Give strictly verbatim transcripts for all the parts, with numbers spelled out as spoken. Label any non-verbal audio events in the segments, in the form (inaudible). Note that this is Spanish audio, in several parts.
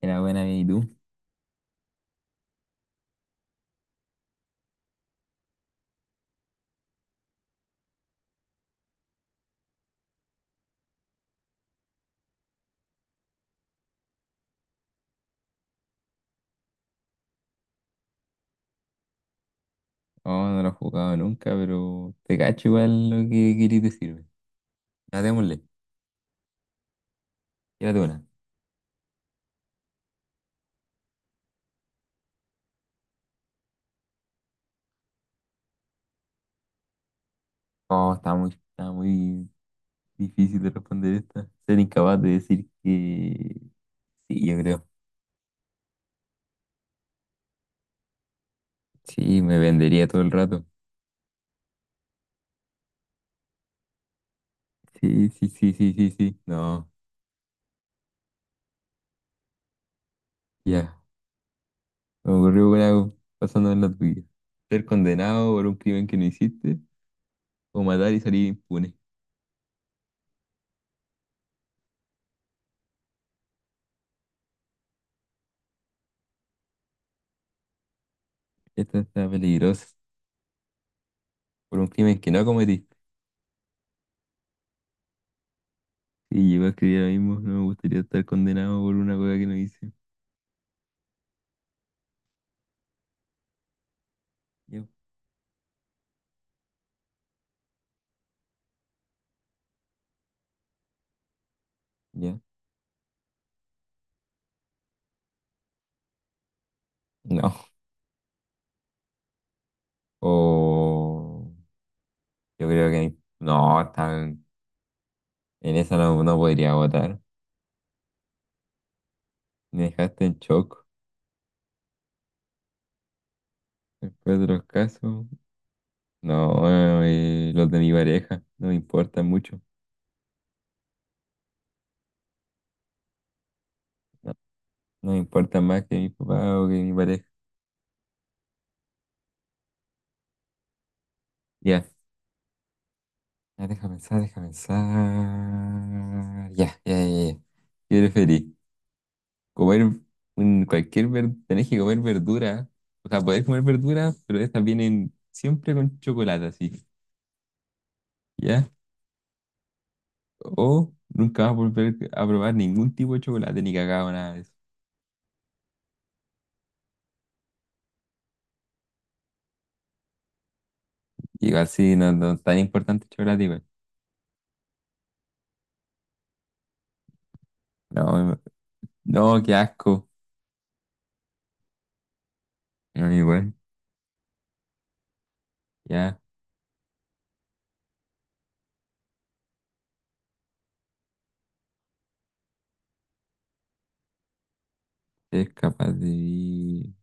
Era buena, ¿y tú? Oh, no lo he jugado nunca, pero te cacho igual lo que querís decirme. Ya, démosle. Tírate una. Oh, está muy, está muy difícil de responder esta. Ser incapaz de decir que sí, yo creo. Sí, me vendería todo el rato. Sí, sí, sí, sí, sí, sí. No, ya. Me ocurrió una pasando en la tuya. Ser condenado por un crimen que no hiciste o matar y salir impune. Esta está peligrosa. Por un crimen que no cometiste. Y yo iba a escribir ahora mismo, no me gustaría estar condenado por una cosa que no hice. Yo, ya. No. O yo creo que no, tan- en esa no, no podría votar. Me dejaste en shock. Después de los casos, no, eh, los de mi pareja, no me importan mucho. No, no me importan más que mi papá o que mi pareja. Ya, ya, deja pensar, deja pensar. Ya, ya, ya, ya. ¿Qué preferís? Comer un- cualquier verdura, tenés que comer verdura, o sea, podés comer verduras, pero estas vienen siempre con chocolate, así, ¿ya? O nunca vas a volver a probar ningún tipo de chocolate, ni cacao, nada de eso. Y así, no, no es tan importante el chocolate, igual. No, no, qué asco. No, igual, ya, es capaz de vivir.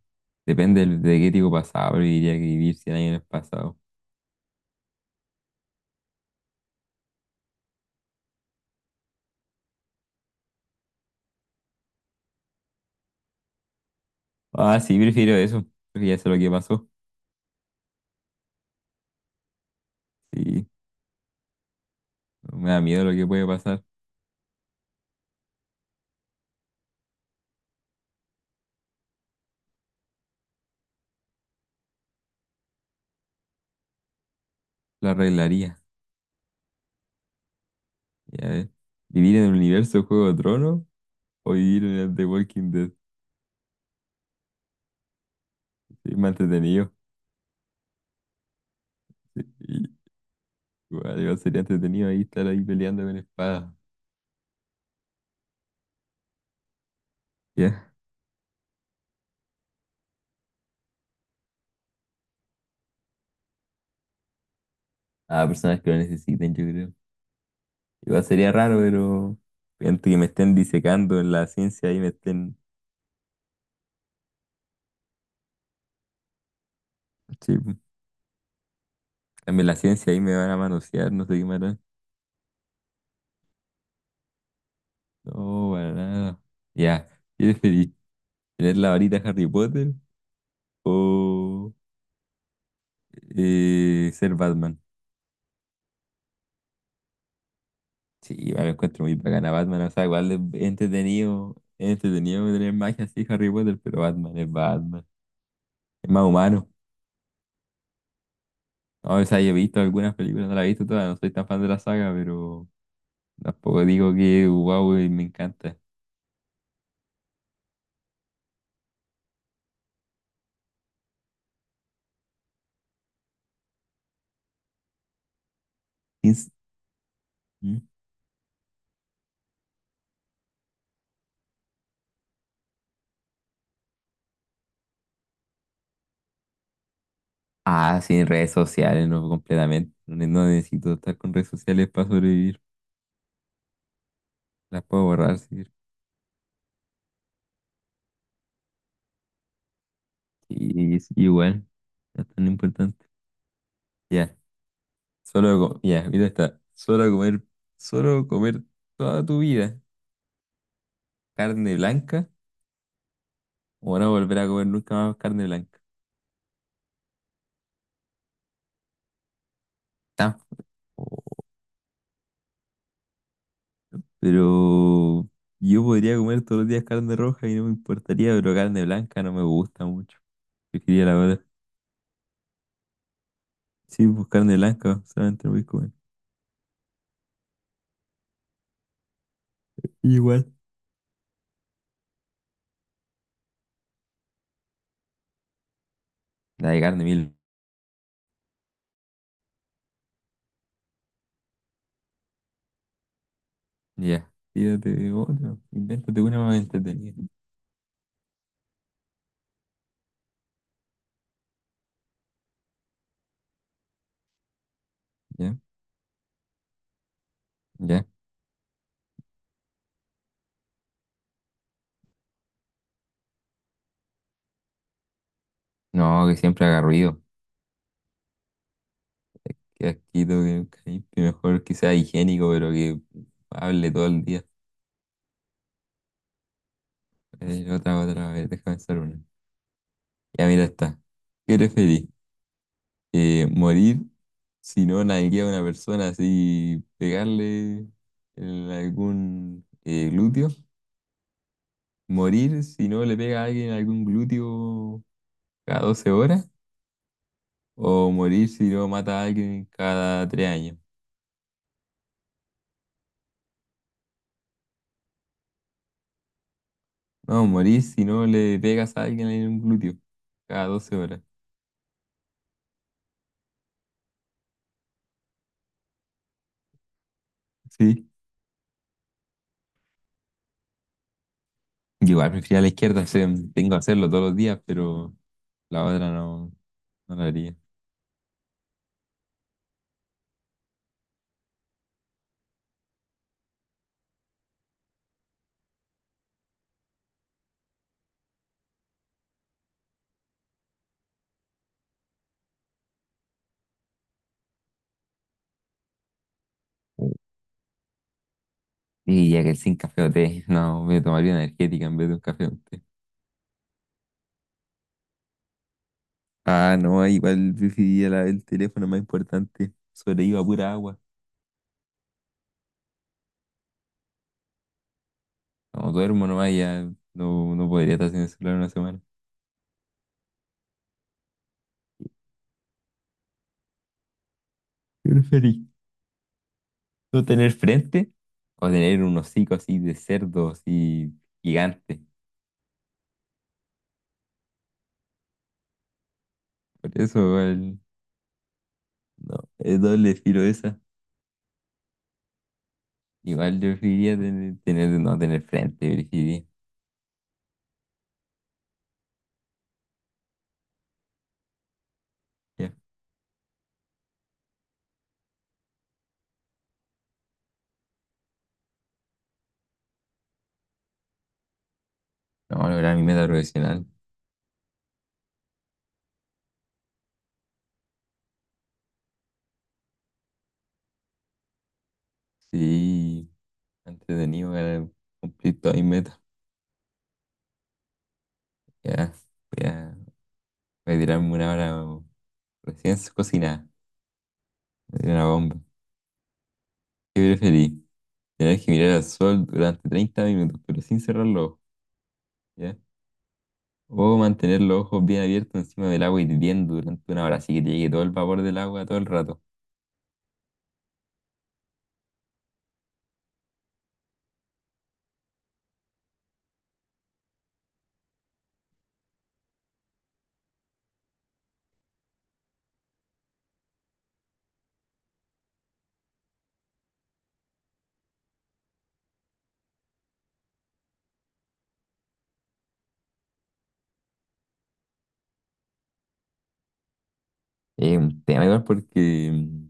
Depende del- de qué tipo pasado, pero diría que vivir cien años en el pasado. Ah, sí, prefiero eso, porque ya sé lo que pasó. Sí, me da miedo lo que puede pasar, lo arreglaría. Ya, eh. ¿Vivir en el universo Juego de Tronos o vivir en el de Walking Dead? Sí, es más entretenido. Sí, igual, igual sería entretenido ahí estar ahí peleando con espadas. Ya. A personas que lo necesiten, yo creo. Igual sería raro, pero gente que me estén disecando en la ciencia ahí me estén. Sí, pues, también la ciencia ahí me van a manosear, no sé qué me harán. No, para nada. Ya. ¿Qué preferís? ¿Tener la varita Harry Potter o eh, ser Batman? Sí, igual lo encuentro muy bacán a Batman, o sea, igual es entretenido, es entretenido, tener magia así Harry Potter, pero Batman es Batman, es más humano. No, o sea, yo he visto algunas películas, no las he visto todas, no soy tan fan de la saga, pero tampoco digo que wow, y me encanta. Ins- ¿Mm? Ah, sin redes sociales, no completamente. No, ne- no necesito estar con redes sociales para sobrevivir. Las puedo borrar, sí. Y es igual, no es tan importante. Ya, solo co- ya, mira está. Solo comer, solo comer toda tu vida. Carne blanca o no volver a comer nunca más carne blanca. Tampoco. Pero yo podría comer todos los días carne roja y no me importaría, pero carne blanca no me gusta mucho. Yo quería la verdad. Sí, pues carne blanca, solamente no voy a comer. Igual. La de carne mil. Ya. Tírate otra. Invéntate una más entretenida. Ya, ya. No, que siempre haga ruido. Que asquito, que que mejor que sea higiénico, pero que hable todo el día. Eh, otra, otra, a ver, déjame pensar una. Ya mira esta. ¿Qué preferís? Eh, ¿morir si no nalguea a una persona así, pegarle en algún eh, glúteo? ¿Morir si no le pega a alguien algún glúteo cada doce horas? ¿O morir si no mata a alguien cada tres años? No, morir si no le pegas a alguien en un glúteo cada doce horas. Sí. Yo igual prefiero a la izquierda, (laughs) o sea, tengo que hacerlo todos los días, pero la otra no, no la haría. Y ya que el sin café o té, no, me tomaría una energética en vez de un café o un té. Ah, no, igual preferiría la- el teléfono más importante. Sobrevivo a pura agua. No, duermo nomás y ya no, no podría estar sin el celular una semana. (laughs) ¿Qué preferís? ¿No tener frente? O tener un hocico así de cerdo, así gigante. Por eso igual, no, es doble filo esa. Igual yo preferiría tener, tener- no tener frente, preferiría. Ya. No, lograr mi meta profesional. Sí. Entretenido para cumplir todas mis metas. Ya, voy a, voy a tirarme una hora recién cocinada. Me tiré una bomba. ¿Qué preferís? Tener que mirar al sol durante treinta minutos, pero sin cerrar los ojos, ¿ya? O mantener los ojos bien abiertos encima del agua y hirviendo durante una hora, así que te llegue todo el vapor del agua todo el rato. Es un tema igual porque mm,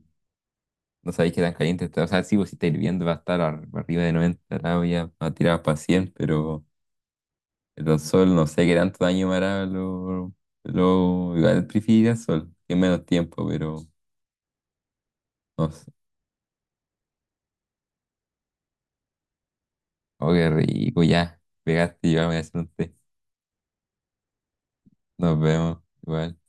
no sabéis qué tan caliente está. O sea, sí, vos si está hirviendo va a estar ar- arriba de noventa grados, ya va a tirar para cien, pero El Don Sol, no sé qué tanto daño me hará. Lo, lo, igual prefiero el Sol, que es menos tiempo, pero no sé. Oh, qué rico, ya. Pegaste y yo me voy a hacer un té. Nos vemos, igual.